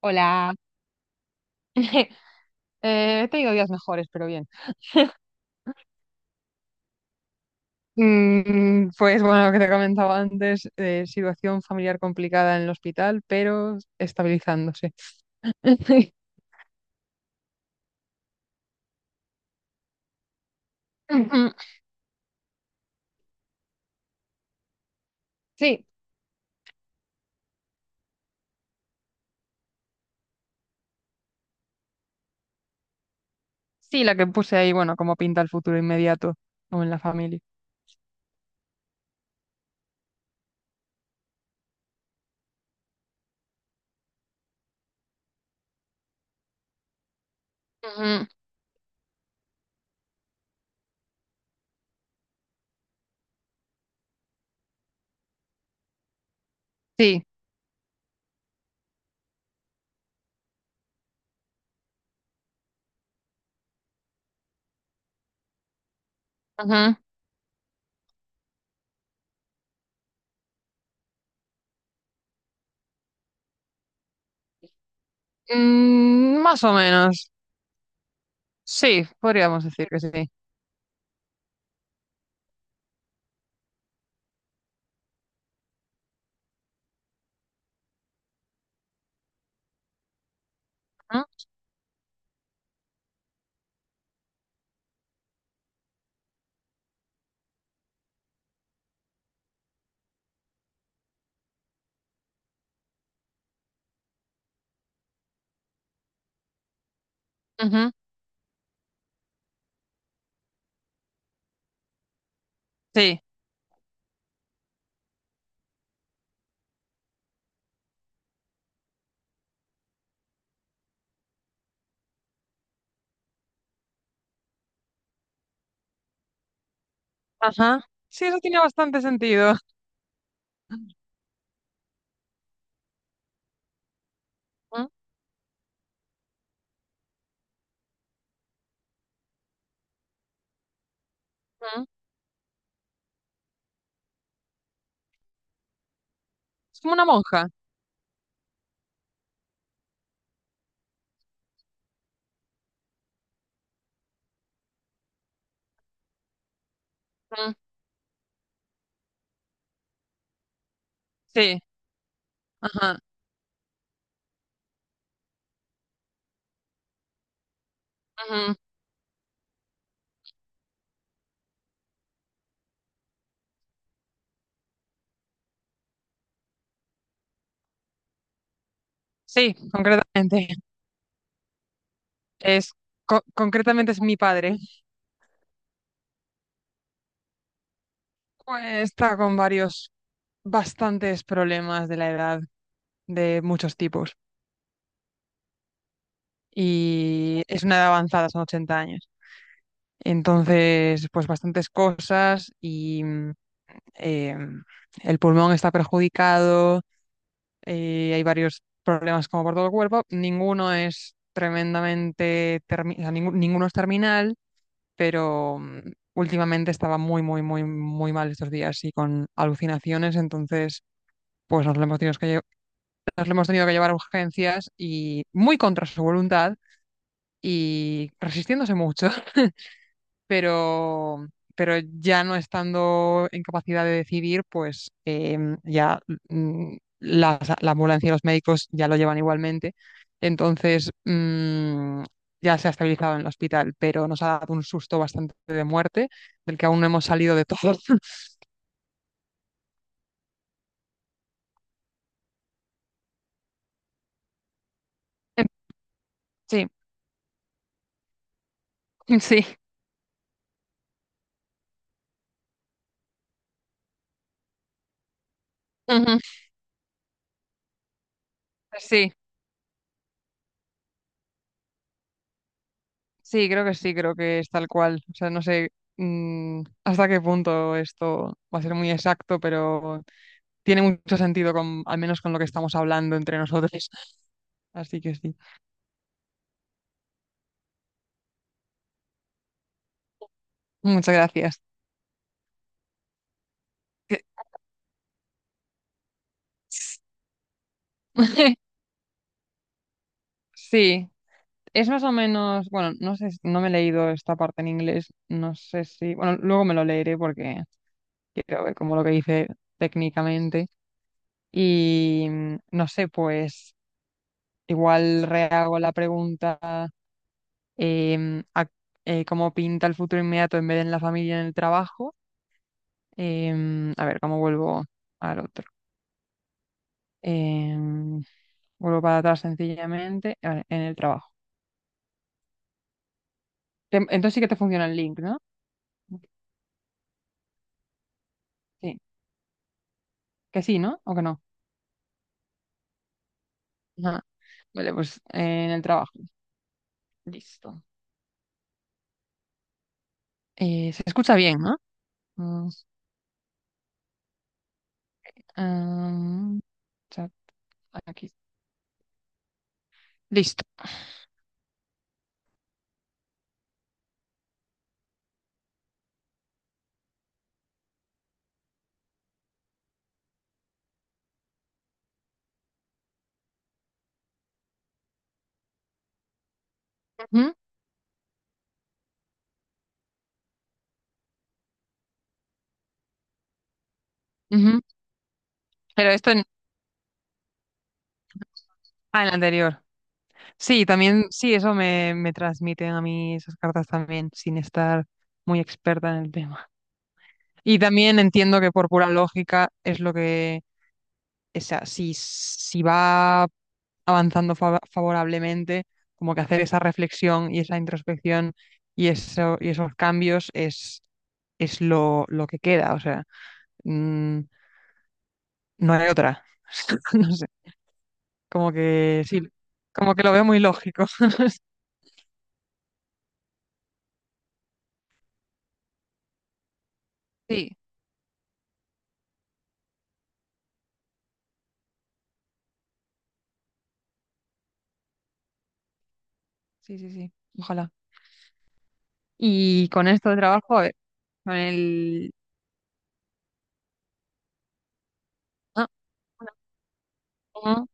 Hola. He tenido días mejores, pero bien. Pues bueno, lo que te comentaba antes, situación familiar complicada en el hospital, pero estabilizándose. Sí, sí, la que puse ahí, bueno, como pinta el futuro inmediato o en la familia. Ujú. Sí, ujú. Más o menos. Sí, podríamos decir que sí. Ujú, ujú. Sí, ajá. Sí, eso tiene bastante sentido. Ujú, ujú. Es como una monja. Ujú. Sí, ajá. Ujú. Sí, concretamente. Es, concretamente es mi padre. Pues está con varios, bastantes problemas de la edad, de muchos tipos. Y es una edad avanzada, son 80 años. Entonces, pues bastantes cosas y eh, el pulmón está perjudicado, hay varios problemas como por todo el cuerpo. Ninguno es tremendamente, o sea, ninguno es terminal, pero últimamente estaba muy, muy, muy, muy mal estos días y con alucinaciones, entonces pues nos lo hemos tenido que llevar a urgencias y muy contra su voluntad y resistiéndose mucho, pero, pero ya no estando en capacidad de decidir, pues ya la ambulancia y los médicos ya lo llevan igualmente. Entonces, ya se ha estabilizado en el hospital, pero nos ha dado un susto bastante de muerte, del que aún no hemos salido de todo. Em, Sí, sí, ujú. Sí, sí, creo que sí, creo que es tal cual. O sea, no sé hasta qué punto esto va a ser muy exacto, pero tiene mucho sentido, con, al menos con lo que estamos hablando entre nosotros. Así que sí. Muchas gracias. Sí, es más o menos, bueno, no sé, no me he leído esta parte en inglés, no sé si, bueno, luego me lo leeré porque quiero ver como lo que dice técnicamente y no sé, pues igual rehago la pregunta, em, a- cómo pinta el futuro inmediato en vez de en la familia, en el trabajo. A ver, ¿cómo vuelvo al otro? em, Vuelvo para atrás sencillamente, vale, en el trabajo. Entonces sí que te funciona el link, ¿no? Sí, que sí, ¿no? ¿O que no? Ajá. Vale, pues en el trabajo. Listo. Se escucha bien, ¿no? Mm, am, Chat, aquí. Listo. Ujú, ujú. Pero esto en, ah, en el anterior. Sí, también, sí, eso me, me transmiten a mí esas cartas también, sin estar muy experta en el tema. Y también entiendo que por pura lógica es lo que, o sea, si, si va avanzando favorablemente, como que hacer esa reflexión y esa introspección y, eso, y esos cambios es lo que queda, o sea, mm, no hay otra. No sé, como que sí, como que lo veo muy lógico. Sí, sí, sí, sí, ojalá. Y con esto de trabajo, a ver, con el... Ah, bueno, ah.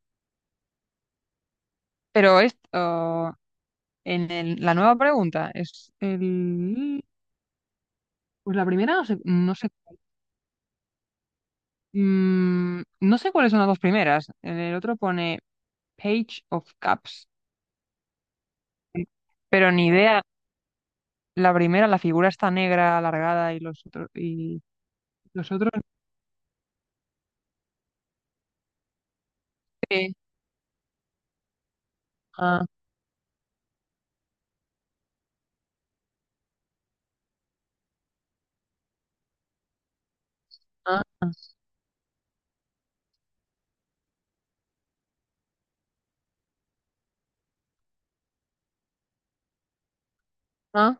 Pero esto... La nueva pregunta es el... Pues la primera no sé, no sé, no sé cuáles son las dos primeras. En el otro pone Page of Cups, pero ni idea. La primera, la figura está negra, alargada y los otros y los otros. Sí. Ah, ah, ah, ah.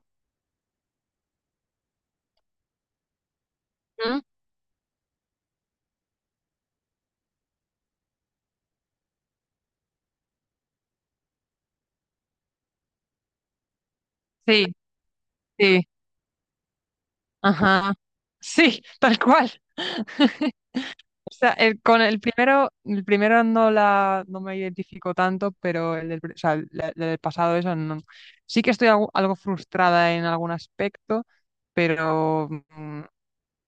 mm, Sí, sí, ajá, sí, tal cual. O sea, el, con el primero no me identifico tanto, pero el del, o sea, el del pasado eso no. Sí que estoy algo, algo frustrada en algún aspecto, pero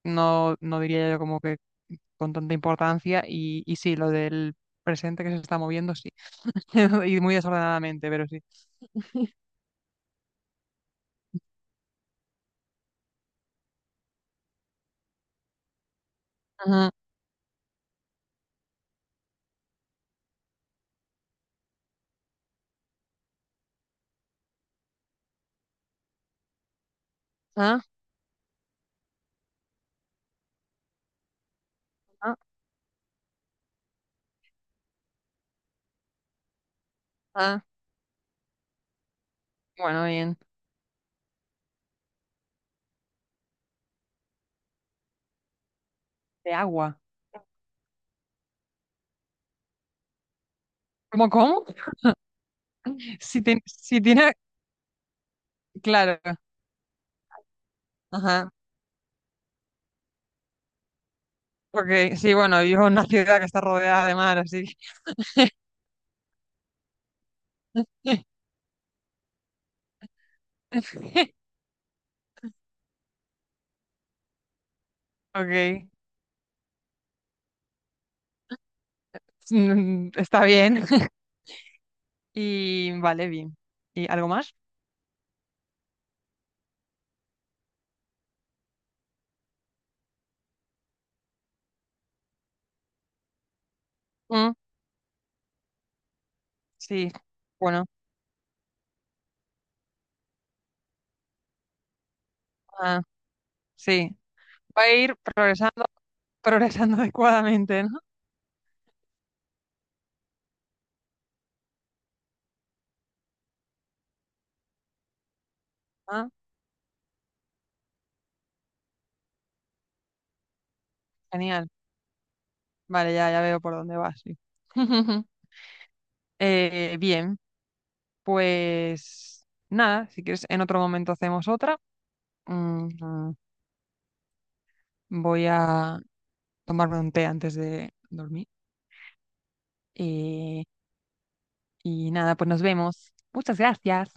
no, no diría yo como que con tanta importancia. Y sí, lo del presente que se está moviendo, sí. Y muy desordenadamente, pero sí. Ajá, ah, ah, ah. Bueno, bien. De agua. ¿Cómo, cómo? Si, si tiene, claro. Ajá. Ok, sí, bueno, vivo en una ciudad que está rodeada de mar, así que... Ok, está bien. Y vale, bien. ¿Y algo más? Mm, sí, bueno, ah, sí. Va a ir progresando, progresando adecuadamente, ¿no? Ah, genial. Vale, ya, ya veo por dónde vas. Sí. Bien, pues nada, si quieres, en otro momento hacemos otra. Mm, Voy a tomarme un té antes de dormir. Eh, Y nada, pues nos vemos. Muchas gracias.